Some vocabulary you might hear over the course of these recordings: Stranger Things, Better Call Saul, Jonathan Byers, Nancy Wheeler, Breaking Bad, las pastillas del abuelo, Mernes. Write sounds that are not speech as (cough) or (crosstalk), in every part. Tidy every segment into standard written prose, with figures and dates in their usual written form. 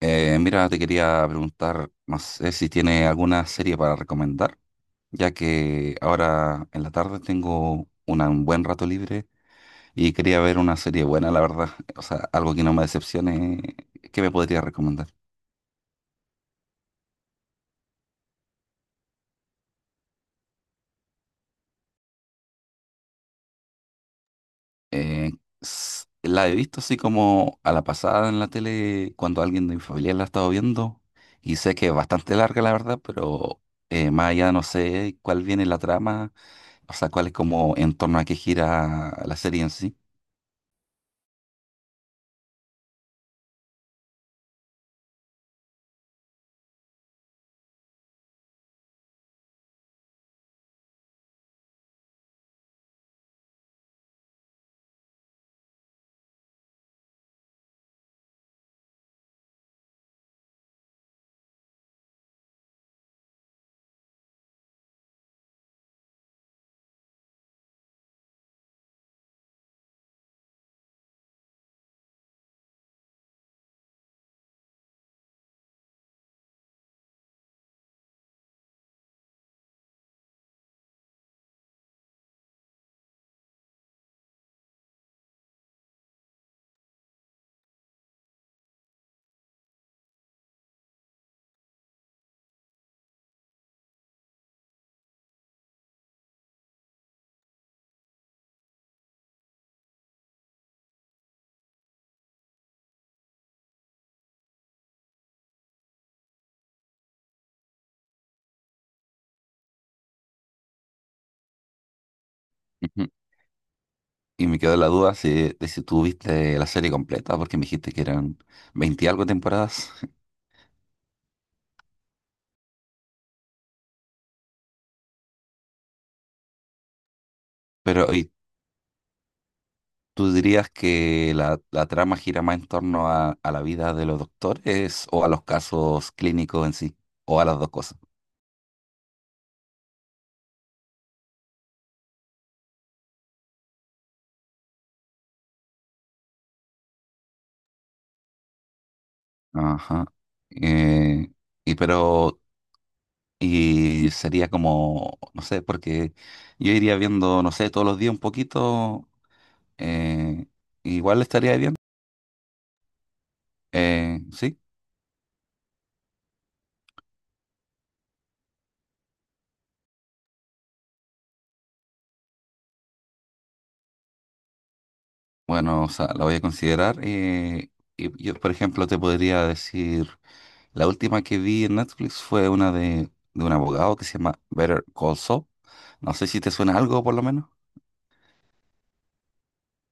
Mira, te quería preguntar, no sé si tiene alguna serie para recomendar, ya que ahora en la tarde tengo un buen rato libre y quería ver una serie buena, la verdad. (laughs) O sea, algo que no me decepcione, ¿qué me podría recomendar? Eh, la he visto así como a la pasada en la tele cuando alguien de mi familia la ha estado viendo y sé que es bastante larga, la verdad, pero más allá no sé cuál viene la trama, o sea, cuál es como en torno a qué gira la serie en sí. Y me quedó la duda si, de si tú viste la serie completa, porque me dijiste que eran 20 y algo temporadas. (laughs) Pero, ¿y tú dirías que la trama gira más en torno a la vida de los doctores o a los casos clínicos en sí? ¿O a las dos cosas? Ajá. Eh, y pero, y sería como, no sé, porque yo iría viendo, no sé, todos los días un poquito, eh, igual estaría bien. Sí. Bueno, o sea, la voy a considerar. Y yo, por ejemplo, te podría decir, la última que vi en Netflix fue una de un abogado que se llama Better Call Saul. No sé si te suena algo, por lo menos.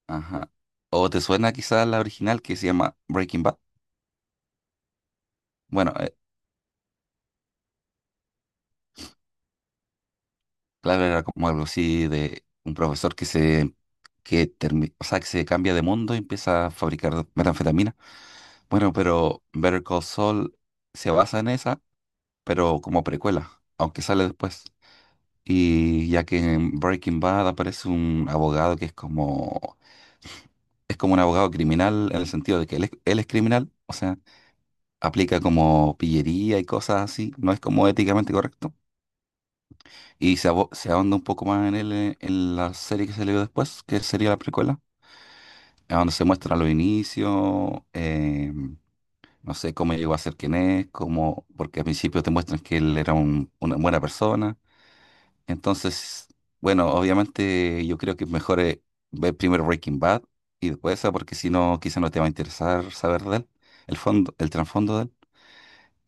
Ajá. O te suena quizás la original que se llama Breaking Bad. Bueno, claro, era como algo así de un profesor que se, que o sea, que se cambia de mundo y empieza a fabricar metanfetamina. Bueno, pero Better Call Saul se basa en esa, pero como precuela, aunque sale después. Y ya que en Breaking Bad aparece un abogado que es como un abogado criminal en el sentido de que él es criminal, o sea, aplica como pillería y cosas así, no es como éticamente correcto. Y se, se ahonda un poco más en él en la serie que se le dio después, que sería la precuela, a donde se muestra los inicios, no sé cómo llegó a ser quien es, cómo, porque al principio te muestran que él era una buena persona. Entonces, bueno, obviamente yo creo que es mejor ver primero Breaking Bad y después esa, porque si no, quizá no te va a interesar saber de él, el fondo, el trasfondo de él.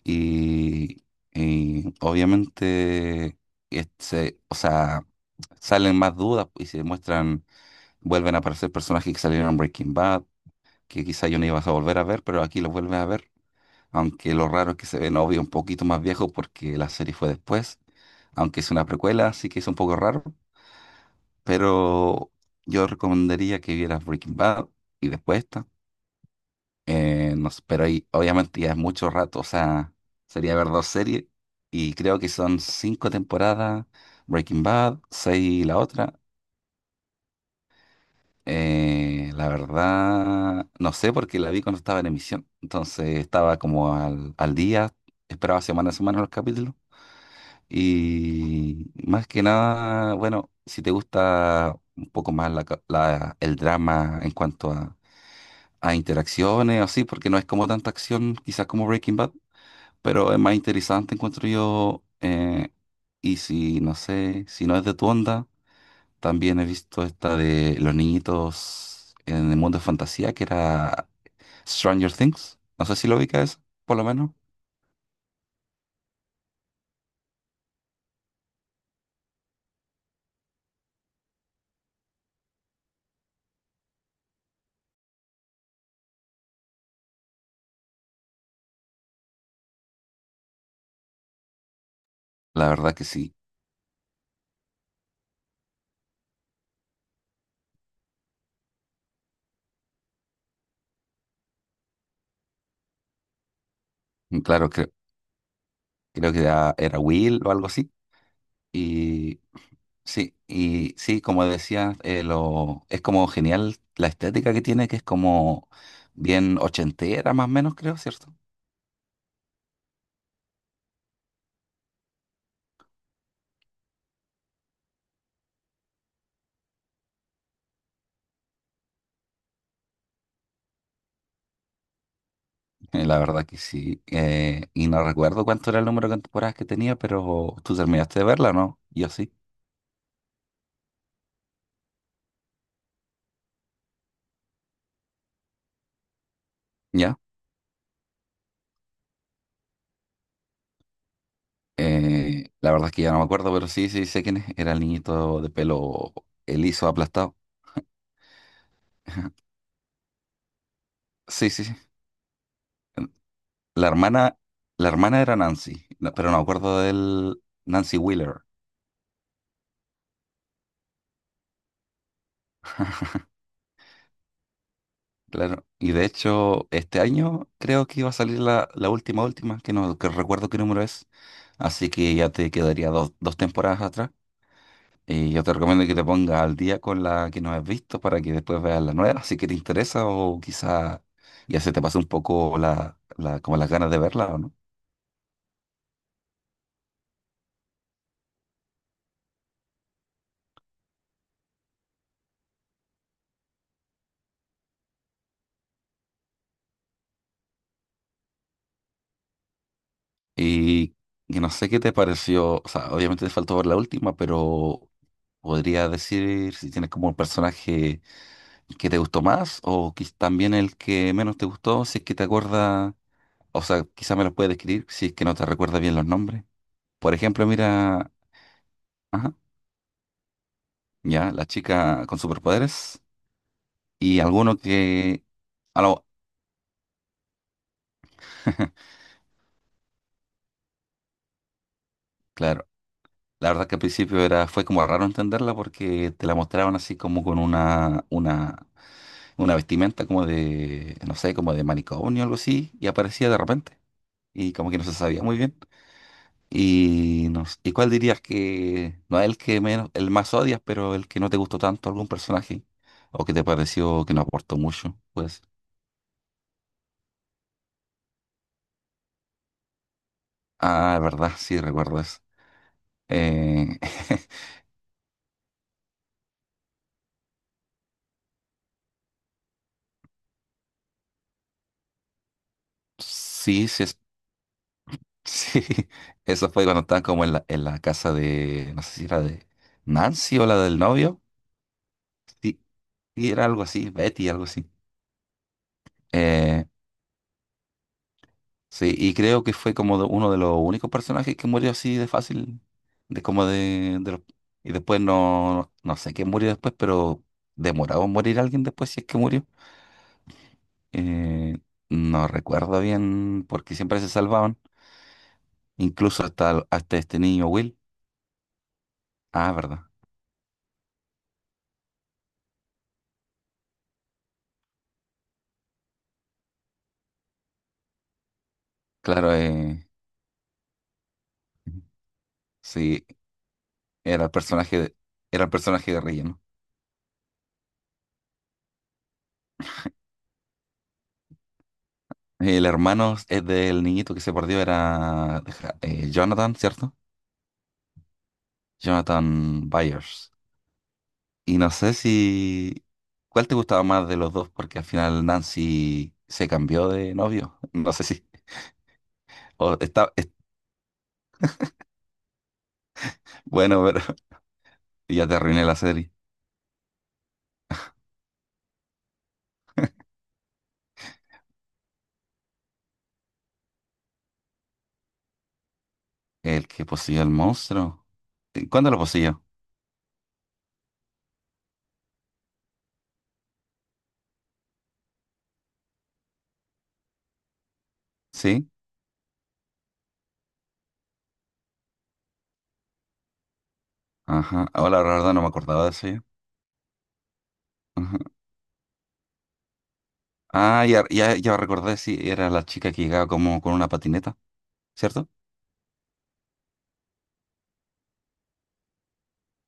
Y, y obviamente, este, o sea, salen más dudas y se muestran, vuelven a aparecer personajes que salieron en Breaking Bad, que quizá yo no ibas a volver a ver, pero aquí los vuelves a ver. Aunque lo raro es que se ven, obvio, un poquito más viejos porque la serie fue después, aunque es una precuela, así que es un poco raro, pero yo recomendaría que vieras Breaking Bad y después esta. No sé, pero ahí obviamente ya es mucho rato, o sea, sería ver dos series y creo que son cinco temporadas, Breaking Bad, seis la otra. La verdad, no sé porque la vi cuando estaba en emisión, entonces estaba como al día, esperaba semana a semana los capítulos. Y más que nada, bueno, si te gusta un poco más la el drama en cuanto a interacciones, así, porque no es como tanta acción, quizás como Breaking Bad, pero es más interesante, encuentro yo. Y si, no sé, si no es de tu onda, también he visto esta de los niñitos en el mundo de fantasía, que era Stranger Things. No sé si lo ubicas, por lo menos. La verdad que sí. Claro, creo que era Will o algo así. Sí, y sí, como decía, es como genial la estética que tiene, que es como bien ochentera más o menos, creo, ¿cierto? La verdad que sí. Y no recuerdo cuánto era el número de temporadas que tenía, pero tú terminaste de verla, ¿no? Yo sí, ya. La verdad es que ya no me acuerdo, pero sí, sí, sé quién es. Era el niñito de pelo liso, aplastado. (laughs) Ajá. Sí, sí, sí. La hermana, la hermana era Nancy, pero no me acuerdo del Nancy Wheeler. Claro, y de hecho este año creo que iba a salir la, la última, última, que no que recuerdo qué número es, así que ya te quedaría dos, dos temporadas atrás. Y yo te recomiendo que te pongas al día con la que no has visto para que después veas la nueva, si que te interesa o quizá ya se te pase un poco la, la, como las ganas de verla o no. Y, y no sé qué te pareció, o sea, obviamente te faltó ver la última, pero podría decir si tienes como un personaje que te gustó más o también el que menos te gustó, si es que te acuerdas, o sea, quizá me los puedes describir si es que no te recuerdas bien los nombres. Por ejemplo, mira, ajá, ya, la chica con superpoderes y alguno que, a lo- (laughs) claro, la verdad que al principio era, fue como raro entenderla porque te la mostraban así como con una vestimenta como de, no sé, como de manicomio o algo así y aparecía de repente y como que no se sabía muy bien. Y, no s- ¿y cuál dirías que no es el que menos, el más odias, pero el que no te gustó tanto algún personaje? O que te pareció que no aportó mucho, pues. Ah, verdad, sí, recuerdas. Eh, (laughs) sí, sí, (laughs) sí. Eso fue cuando estaban como en en la casa de, no sé si era de Nancy o la del novio. Sí, sí, era algo así, Betty, algo así. Eh, Sí, y creo que fue como uno de los únicos personajes que murió así de fácil, de como de, y después no, no sé quién murió después, pero demoraba en morir alguien después si es que murió. Eh, no recuerdo bien porque siempre se salvaban, incluso hasta este niño Will. Ah, verdad. Claro, sí, era el personaje, era el personaje de relleno. El hermano es del niñito que se perdió era Jonathan, ¿cierto? Jonathan Byers. Y no sé si... ¿Cuál te gustaba más de los dos? Porque al final Nancy se cambió de novio. (laughs) No sé si... o está... Bueno, pero (laughs) ya te arruiné la serie. El que poseyó el monstruo. ¿Cuándo lo poseyó? ¿Sí? Ajá. Ahora la verdad no me acordaba de eso yo. Ajá. Ah, ya, ya, ya recordé, sí, era la chica que llegaba como con una patineta, ¿cierto?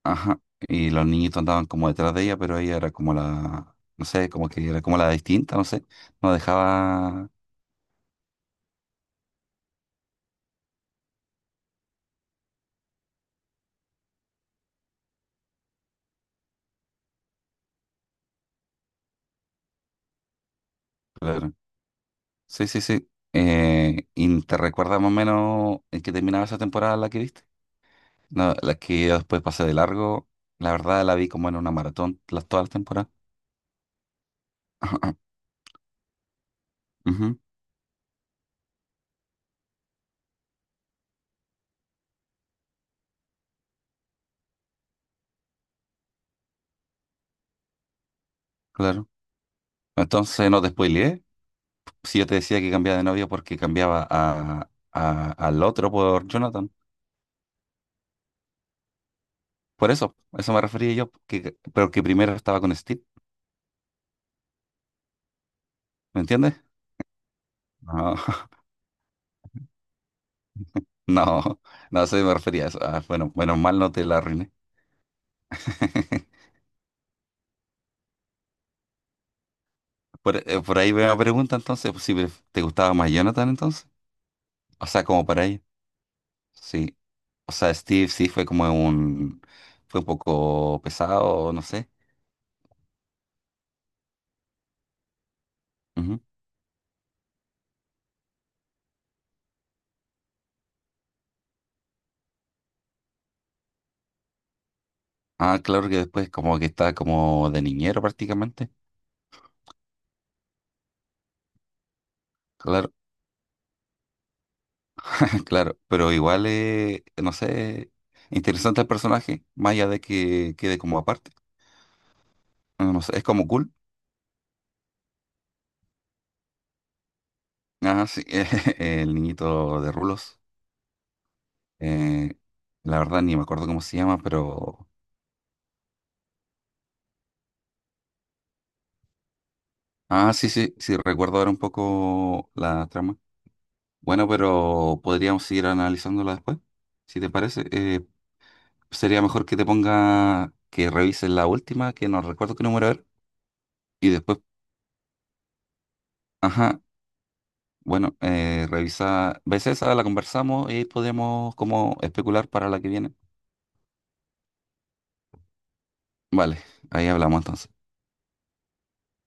Ajá. Y los niñitos andaban como detrás de ella, pero ella era como la... No sé, como que era como la distinta, no sé. No dejaba... Claro. Sí, sí, sí. ¿Y te recuerdas más o menos en qué terminaba esa temporada la que viste? No, la que yo después pasé de largo. La verdad la vi como en una maratón las todas las temporadas. (clears throat) (laughs) Ujú, claro. Entonces no te spoileé. Si yo te decía que cambiaba de novia porque cambiaba a, al otro por Jonathan. Por eso, a eso me refería yo, que, pero que primero estaba con Steve, ¿me entiendes? No, (laughs) no, no, a eso me refería a eso. Ah, bueno, menos mal no te la arruiné. (laughs) Por ahí veo la pregunta entonces, pues, si te gustaba más Jonathan entonces. O sea, como para ahí sí. O sea, Steve sí fue como un... Fue un poco pesado, no sé. Ujú. Ah, claro que después como que está como de niñero prácticamente. Claro, (laughs) claro. Pero igual, no sé, interesante el personaje, más allá de que quede como aparte. No, no sé, es como cool. Ah, sí, (laughs) el niñito de Rulos. Eh, la verdad ni me acuerdo cómo se llama, pero... Ah, sí, sí, sí, recuerdo ahora un poco la trama. Bueno, pero podríamos seguir analizándola después, si te parece. Sería mejor que te ponga, que revises la última, que no recuerdo qué número era, y después, ajá, bueno, revisa, ves esa, la conversamos y podemos como especular para la que viene. Vale, ahí hablamos entonces.